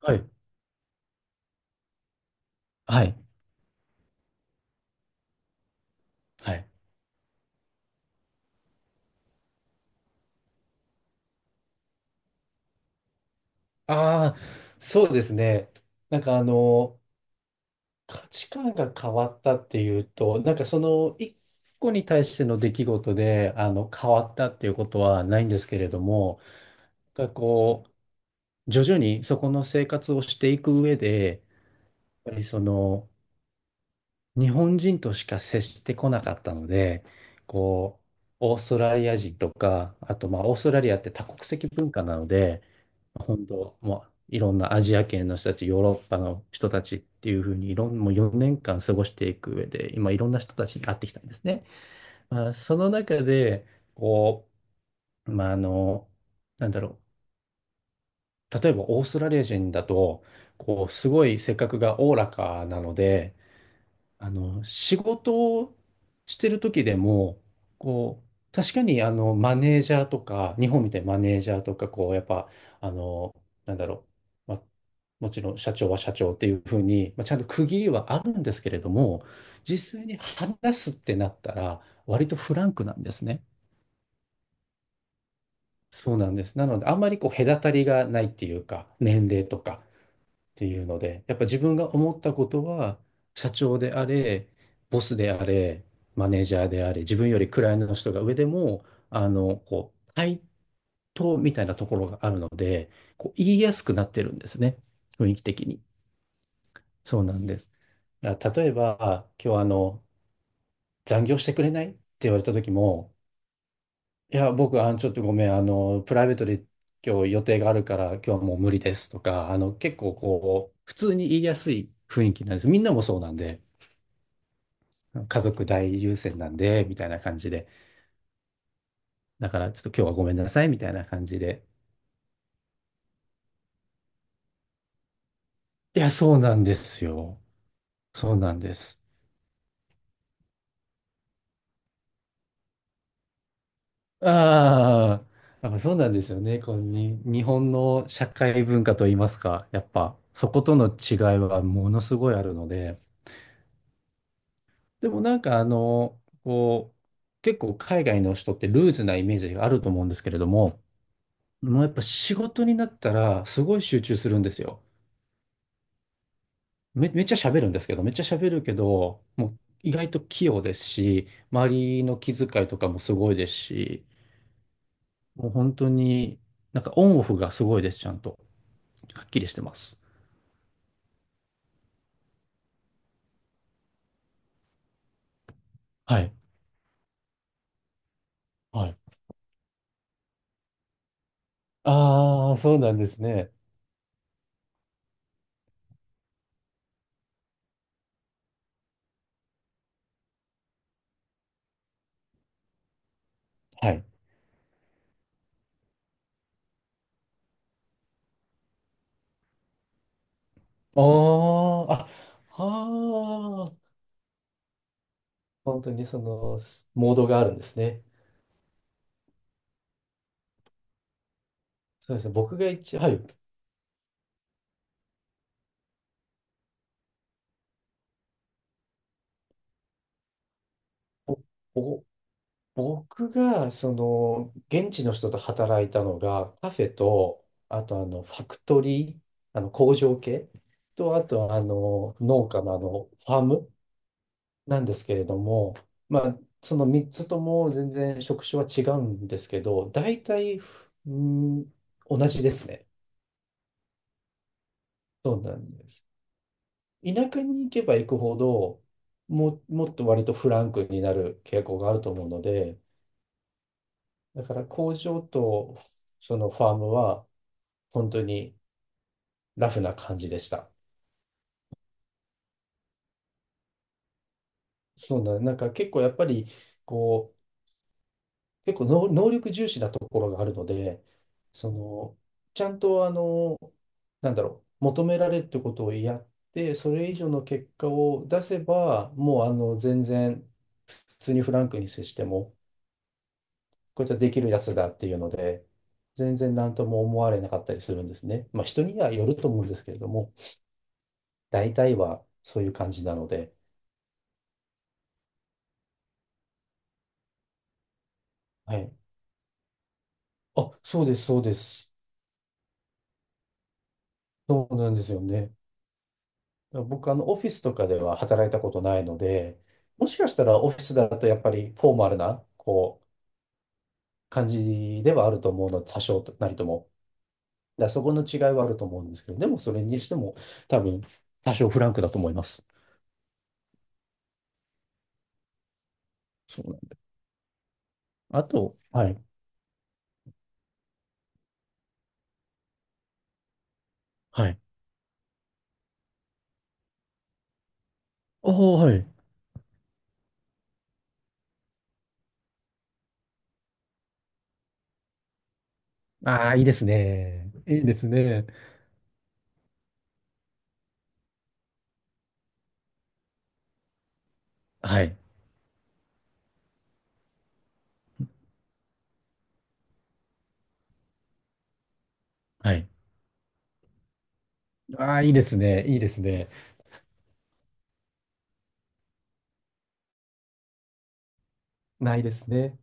はい。はい。はい。ああ、そうですね。なんかあの、価値観が変わったっていうと、なんかその一個に対しての出来事で、変わったっていうことはないんですけれども、なんかこう、徐々にそこの生活をしていく上で、やっぱりその、日本人としか接してこなかったので、こオーストラリア人とか、あとまあ、オーストラリアって多国籍文化なので、本当、もういろんなアジア圏の人たち、ヨーロッパの人たちっていうふうにいろん、もう4年間過ごしていく上で、今いろんな人たちに会ってきたんですね。まあ、その中で、こう、まあ、あの、なんだろ例えばオーストラリア人だと、すごい性格がおおらかなので、仕事をしてる時でも、こう、確かにマネージャーとか、日本みたいにマネージャーとか、こう、やっぱ、あの、なんだろう、まあ、もちろん社長は社長っていうふうに、まあ、ちゃんと区切りはあるんですけれども、実際に話すってなったら、割とフランクなんですね。そうなんです。なので、あんまり、隔たりがないっていうか、年齢とか。っていうので、やっぱ自分が思ったことは、社長であれ、ボスであれ、マネージャーであれ、自分よりクライアントの人が上でも、対等みたいなところがあるので、言いやすくなってるんですね。雰囲気的に。そうなんです。だから例えば、今日、残業してくれないって言われた時も、いや、僕、ちょっとごめん、プライベートで今日予定があるから、今日はもう無理ですとか、結構こう、普通に言いやすい雰囲気なんです。みんなもそうなんで、家族大優先なんで、みたいな感じで。だから、ちょっと今日はごめんなさい、みたいな感じで。いや、そうなんですよ。そうなんです。ああ、やっぱそうなんですよね。このに、日本の社会文化といいますか、やっぱ、そことの違いはものすごいあるので、でも、結構海外の人ってルーズなイメージがあると思うんですけれども、もうやっぱ仕事になったらすごい集中するんですよ。めっちゃ喋るんですけど、めっちゃ喋るけど、もう意外と器用ですし、周りの気遣いとかもすごいですし、もう本当になんかオンオフがすごいです、ちゃんと。はっきりしてます。はい。はい。ああ、そうなんですね。はい。ああ、あ、はあ。本当にその、モードがあるんですね。そうですね。僕が一、はい。おお僕が、その、現地の人と働いたのが、カフェと、あと、あの、ファクトリー、あの、工場系と、あと、あの、農家の、あの、ファームなんですけれども、まあ、その3つとも全然職種は違うんですけど、大体、うん、同じですね。そうなんです。田舎に行けば行くほど、もっと割とフランクになる傾向があると思うので、だから工場とそのファームは本当にラフな感じでした。なんか結構やっぱり、こう、結構能力重視なところがあるので、その、ちゃんとあの、求められるってことをやって、それ以上の結果を出せば、もう、全然、普通にフランクに接しても、こいつはできるやつだっていうので、全然何とも思われなかったりするんですね。まあ人にはよると思うんですけれども、大体はそういう感じなので、はい。あ、そうです、そうです。そうなんですよね。だから僕、あの、オフィスとかでは働いたことないので、もしかしたらオフィスだとやっぱりフォーマルな、こう、感じではあると思うので、多少なりとも。だからそこの違いはあると思うんですけど、でもそれにしても多分多少フランクだと思います。そうなんあと、はい、はい。ああ、はい。ああ、いいですね。いいですね。はい。はい。ああ、いいですね。いいですね。ないですね。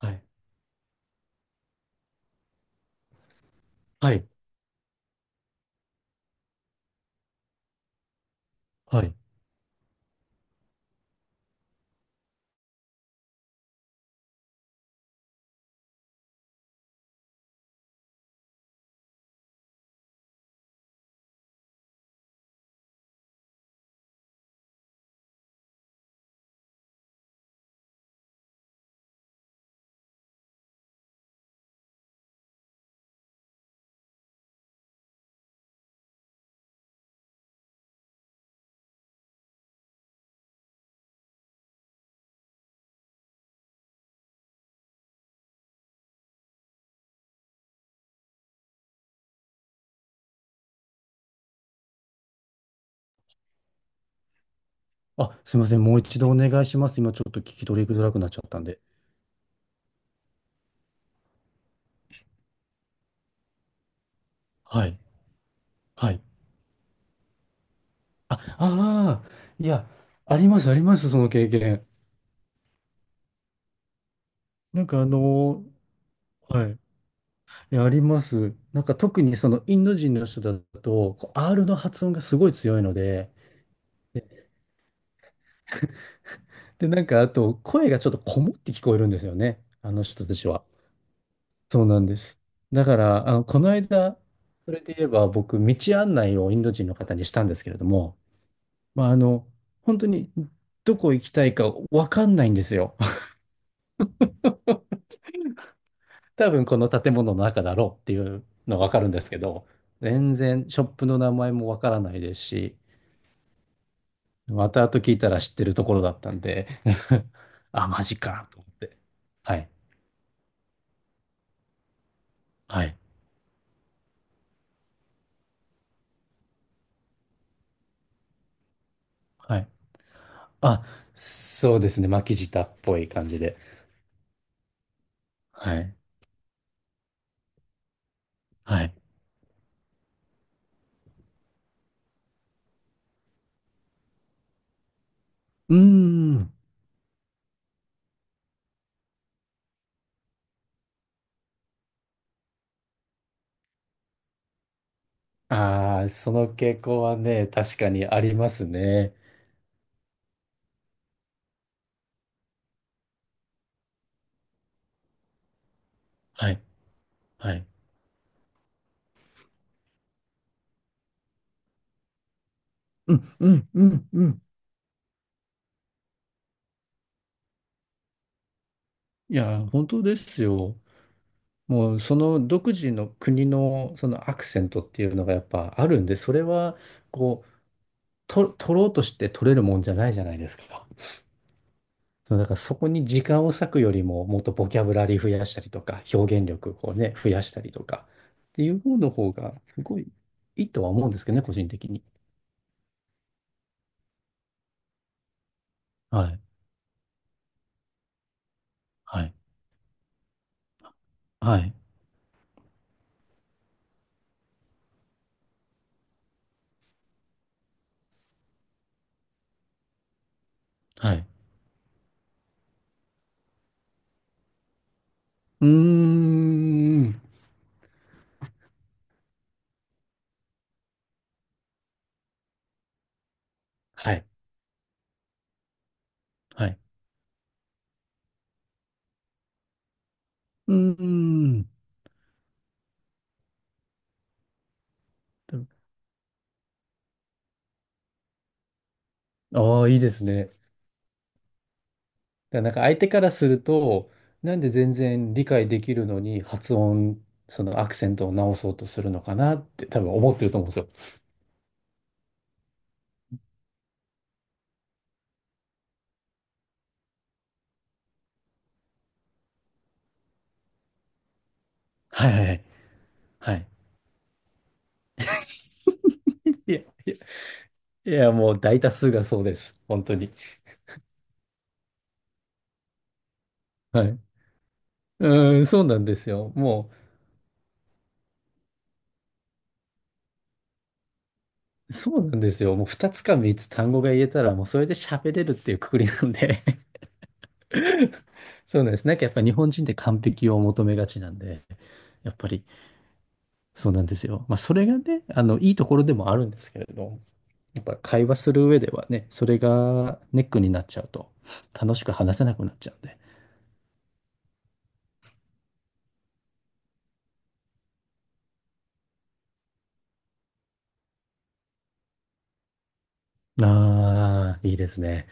はい。はい。はい。あ、すみません。もう一度お願いします。今ちょっと聞き取りづらくなっちゃったんで。はい。はい。あ、ああ、いや、あります、あります、その経験。なんかあのはい。いや、あります。なんか特にそのインド人の人だと、こう R の発音がすごい強いので、で、なんかあと、声がちょっとこもって聞こえるんですよね。あの人たちは。そうなんです。だから、あの、この間、それで言えば僕、道案内をインド人の方にしたんですけれども、まあ、あの、本当にどこ行きたいかわかんないんですよ。多分この建物の中だろうっていうのはわかるんですけど、全然ショップの名前もわからないですし、また後聞いたら知ってるところだったんで あ、マジかと思って。はい。はい。はい。あ、そうですね。巻き舌っぽい感じで。はい。はい。うーん。ああ、その傾向はね、確かにありますね。はい、はい。うん、うん、うん、うん。いや、本当ですよ。もう、その独自の国の、そのアクセントっていうのがやっぱあるんで、それは、こう、取ろうとして取れるもんじゃないじゃないですか。だからそこに時間を割くよりも、もっとボキャブラリー増やしたりとか、表現力をね、増やしたりとか、っていう方の方が、すごいいいとは思うんですけどね、個人的に。はい、はい、はい、はい。うーん。はい。はい。うーん。ああ、いいですね。だからなんか相手からすると、なんで全然理解できるのにそのアクセントを直そうとするのかなって多分思ってると思うんですよ。はいはいはい。はい。いや、いや、いやもう大多数がそうです。本当に。はい。うーん、そうなんですよ。もう、そうなんですよ。もう2つか3つ単語が言えたら、もうそれで喋れるっていうくくりなんで。そうなんです。なんかやっぱり日本人って完璧を求めがちなんで、やっぱりそうなんですよ。まあそれがね、あの、いいところでもあるんですけれど、やっぱ会話する上ではね、それがネックになっちゃうと、楽しく話せなくなっちゃうんで。ああ、いいですね。